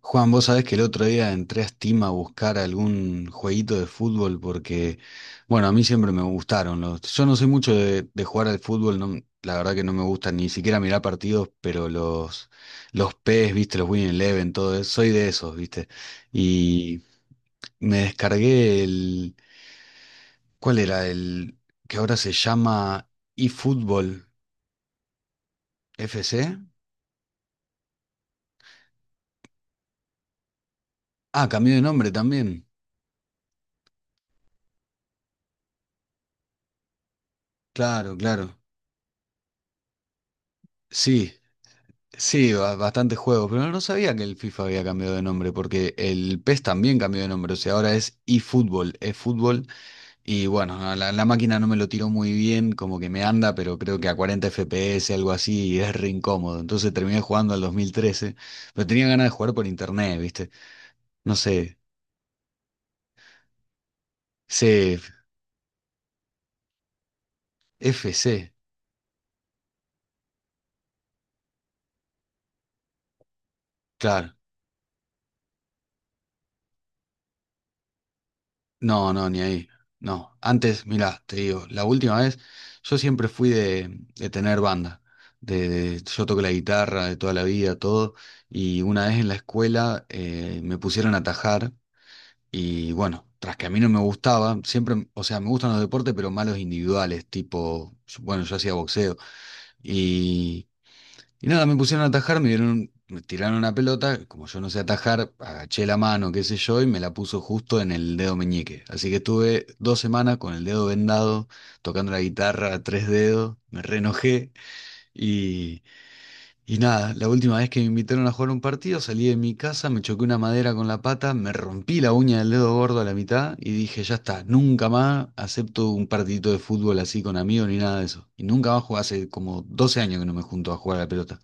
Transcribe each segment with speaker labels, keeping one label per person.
Speaker 1: Juan, vos sabés que el otro día entré a Steam a buscar algún jueguito de fútbol porque, bueno, a mí siempre me gustaron los... Yo no soy mucho de jugar al fútbol, no, la verdad que no me gusta ni siquiera mirar partidos, pero los PES, viste, los Win Eleven, todo eso, soy de esos, viste. Y me descargué el... ¿Cuál era? El que ahora se llama eFootball FC. Ah, cambió de nombre también. Claro, claro. Sí. Sí, bastante juego, pero no sabía que el FIFA había cambiado de nombre, porque el PES también cambió de nombre, o sea, ahora es eFootball, es fútbol, y bueno, a la máquina no me lo tiró muy bien, como que me anda, pero creo que a 40 FPS, algo así, y es re incómodo, entonces terminé jugando al 2013, pero tenía ganas de jugar por internet, ¿viste? No sé, CFC, claro. No, no, ni ahí. No. Antes, mirá, te digo, la última vez, yo siempre fui de tener banda. Yo toco la guitarra de toda la vida, todo. Y una vez en la escuela me pusieron a tajar. Y bueno, tras que a mí no me gustaba, siempre, o sea, me gustan los deportes, pero malos individuales, tipo, bueno, yo hacía boxeo. Y nada, me pusieron a atajar, me dieron, me tiraron una pelota, como yo no sé atajar, agaché la mano, qué sé yo, y me la puso justo en el dedo meñique. Así que estuve dos semanas con el dedo vendado, tocando la guitarra a tres dedos, me re enojé y, y nada, la última vez que me invitaron a jugar un partido, salí de mi casa, me choqué una madera con la pata, me rompí la uña del dedo gordo a la mitad y dije, ya está, nunca más acepto un partidito de fútbol así con amigos ni nada de eso. Y nunca más jugué, hace como 12 años que no me junto a jugar a la pelota.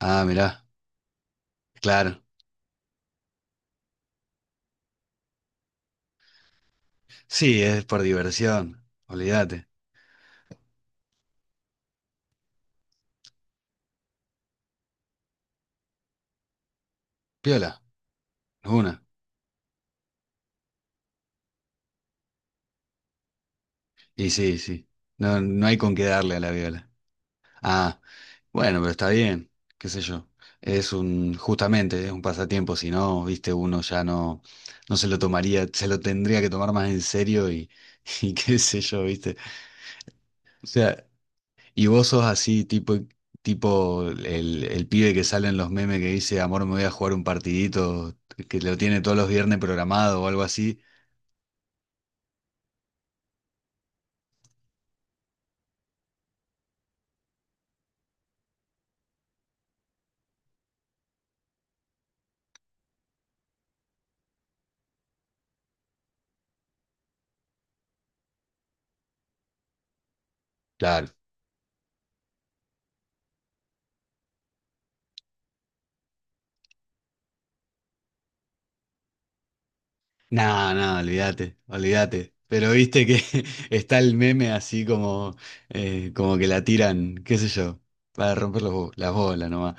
Speaker 1: Ah, mirá, claro. Sí, es por diversión, olvídate. Piola, una. Y sí, sí. No, no hay con qué darle a la viola. Ah, bueno, pero está bien, qué sé yo. Es un, justamente, es un pasatiempo, si no, viste, uno ya no, no se lo tomaría, se lo tendría que tomar más en serio y, y qué sé yo, viste. O sea, y vos sos así, tipo, tipo el pibe que sale en los memes que dice, amor, me voy a jugar un partidito, que lo tiene todos los viernes programado o algo así. Claro. Nada, nada, olvídate, olvídate. Pero viste que está el meme así como, como que la tiran, qué sé yo, para romper los las bolas nomás.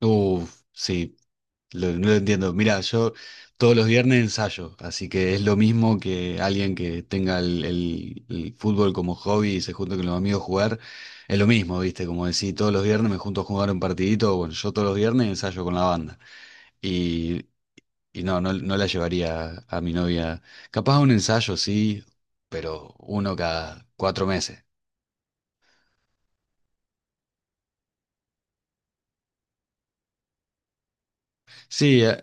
Speaker 1: Uf, sí, no lo entiendo. Mira, yo todos los viernes ensayo, así que es lo mismo que alguien que tenga el, el fútbol como hobby y se junta con los amigos a jugar. Es lo mismo, ¿viste? Como decís, todos los viernes me junto a jugar un partidito. Bueno, yo todos los viernes ensayo con la banda. Y, y no, no, no la llevaría a, mi novia. Capaz a un ensayo, sí, pero uno cada 4 meses. Sí,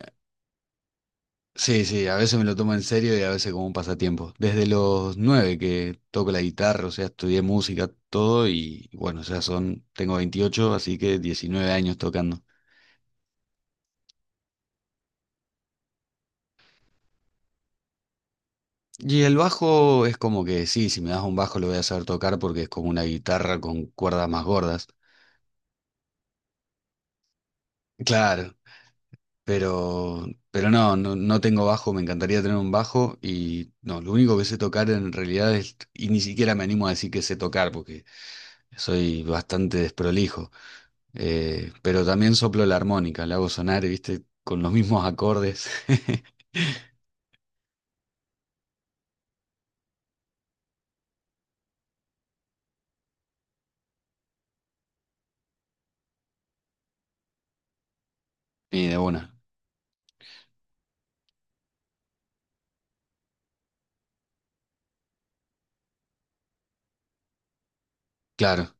Speaker 1: sí, sí, a veces me lo tomo en serio y a veces como un pasatiempo. Desde los nueve que toco la guitarra, o sea, estudié música, todo y bueno, o sea, son, tengo 28, así que 19 años tocando. Y el bajo es como que sí, si me das un bajo lo voy a saber tocar porque es como una guitarra con cuerdas más gordas. Claro, pero no, no, no tengo bajo, me encantaría tener un bajo y no, lo único que sé tocar en realidad es, y ni siquiera me animo a decir que sé tocar porque soy bastante desprolijo. Pero también soplo la armónica, la hago sonar, viste, con los mismos acordes. Y de una. Claro,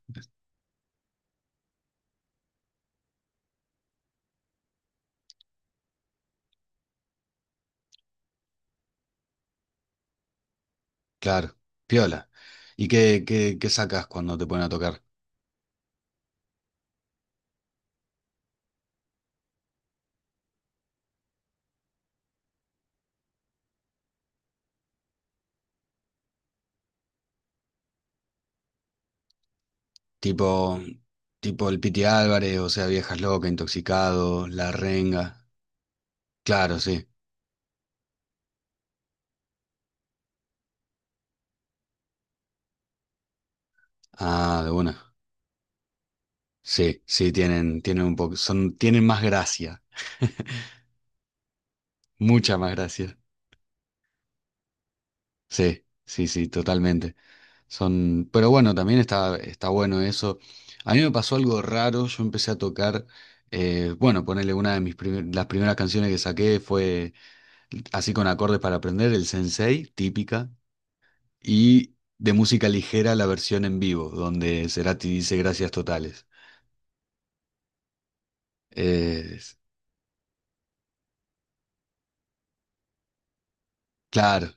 Speaker 1: claro. Piola. ¿Y qué, qué, qué sacas cuando te ponen a tocar? Tipo, tipo el Piti Álvarez, o sea, Viejas Locas, Intoxicado, La Renga. Claro, sí. Ah, de una. Sí, sí, tienen, tienen un poco, son, tienen más gracia. Mucha más gracia. Sí, sí, sí, totalmente. Son, pero bueno, también está, está bueno eso. A mí me pasó algo raro, yo empecé a tocar, bueno, ponerle una de mis las primeras canciones que saqué fue así con acordes para aprender, el Sensei, típica, y de música ligera la versión en vivo, donde Cerati dice gracias totales. Eh, claro,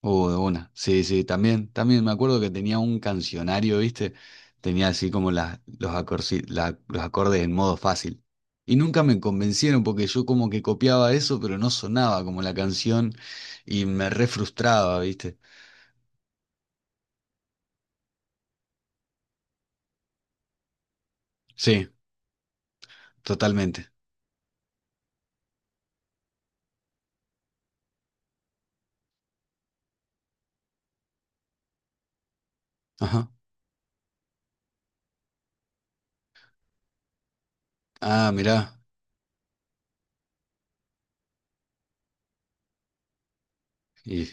Speaker 1: uh, de una. Sí, sí, también, también me acuerdo que tenía un cancionario, ¿viste? Tenía así como las, los los acordes en modo fácil. Y nunca me convencieron porque yo como que copiaba eso, pero no sonaba como la canción y me re frustraba, ¿viste? Sí, totalmente. Ajá. Ah, mirá. Y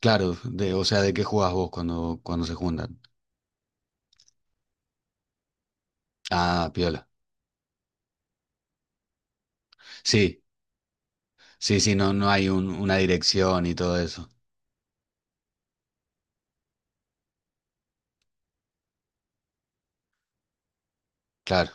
Speaker 1: claro, de, o sea, ¿de qué jugás vos cuando, cuando se juntan? Ah, piola. Sí, sí, sí, no, no hay una dirección y todo eso. Claro.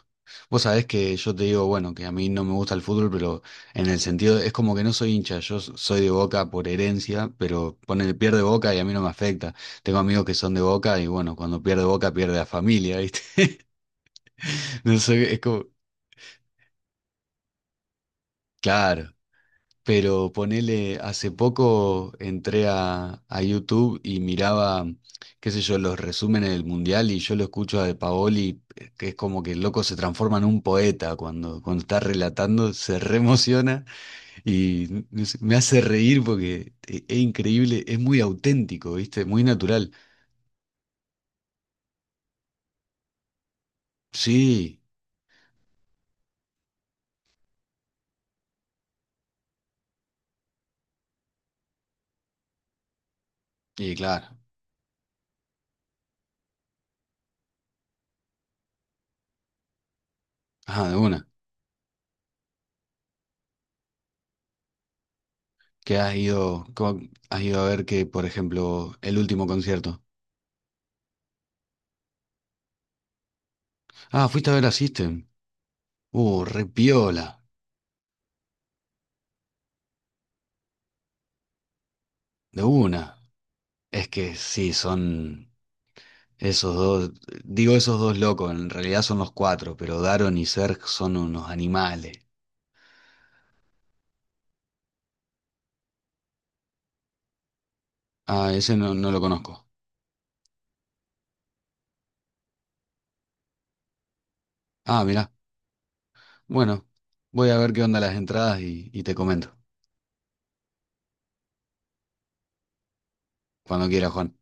Speaker 1: Vos sabés que yo te digo, bueno, que a mí no me gusta el fútbol, pero en el sentido, es como que no soy hincha, yo soy de Boca por herencia, pero pone, pierde Boca y a mí no me afecta. Tengo amigos que son de Boca y bueno, cuando pierde Boca pierde la familia, ¿viste? No sé, es como, claro. Pero ponele, hace poco entré a YouTube y miraba, qué sé yo, los resúmenes del Mundial y yo lo escucho a De Paoli, que es como que el loco se transforma en un poeta cuando, cuando está relatando, se reemociona y no sé, me hace reír porque es, increíble, es muy auténtico, ¿viste? Muy natural. Sí, y claro, ah, de una. ¿Qué has ido, cómo has ido a ver que, por ejemplo, el último concierto? Ah, fuiste a ver a System. Re piola. De una. Es que sí, son esos dos, digo esos dos locos, en realidad son los cuatro, pero Daron y Serg son unos animales. Ah, ese no, no lo conozco. Ah, mirá. Bueno, voy a ver qué onda las entradas y te comento. Cuando quieras, Juan.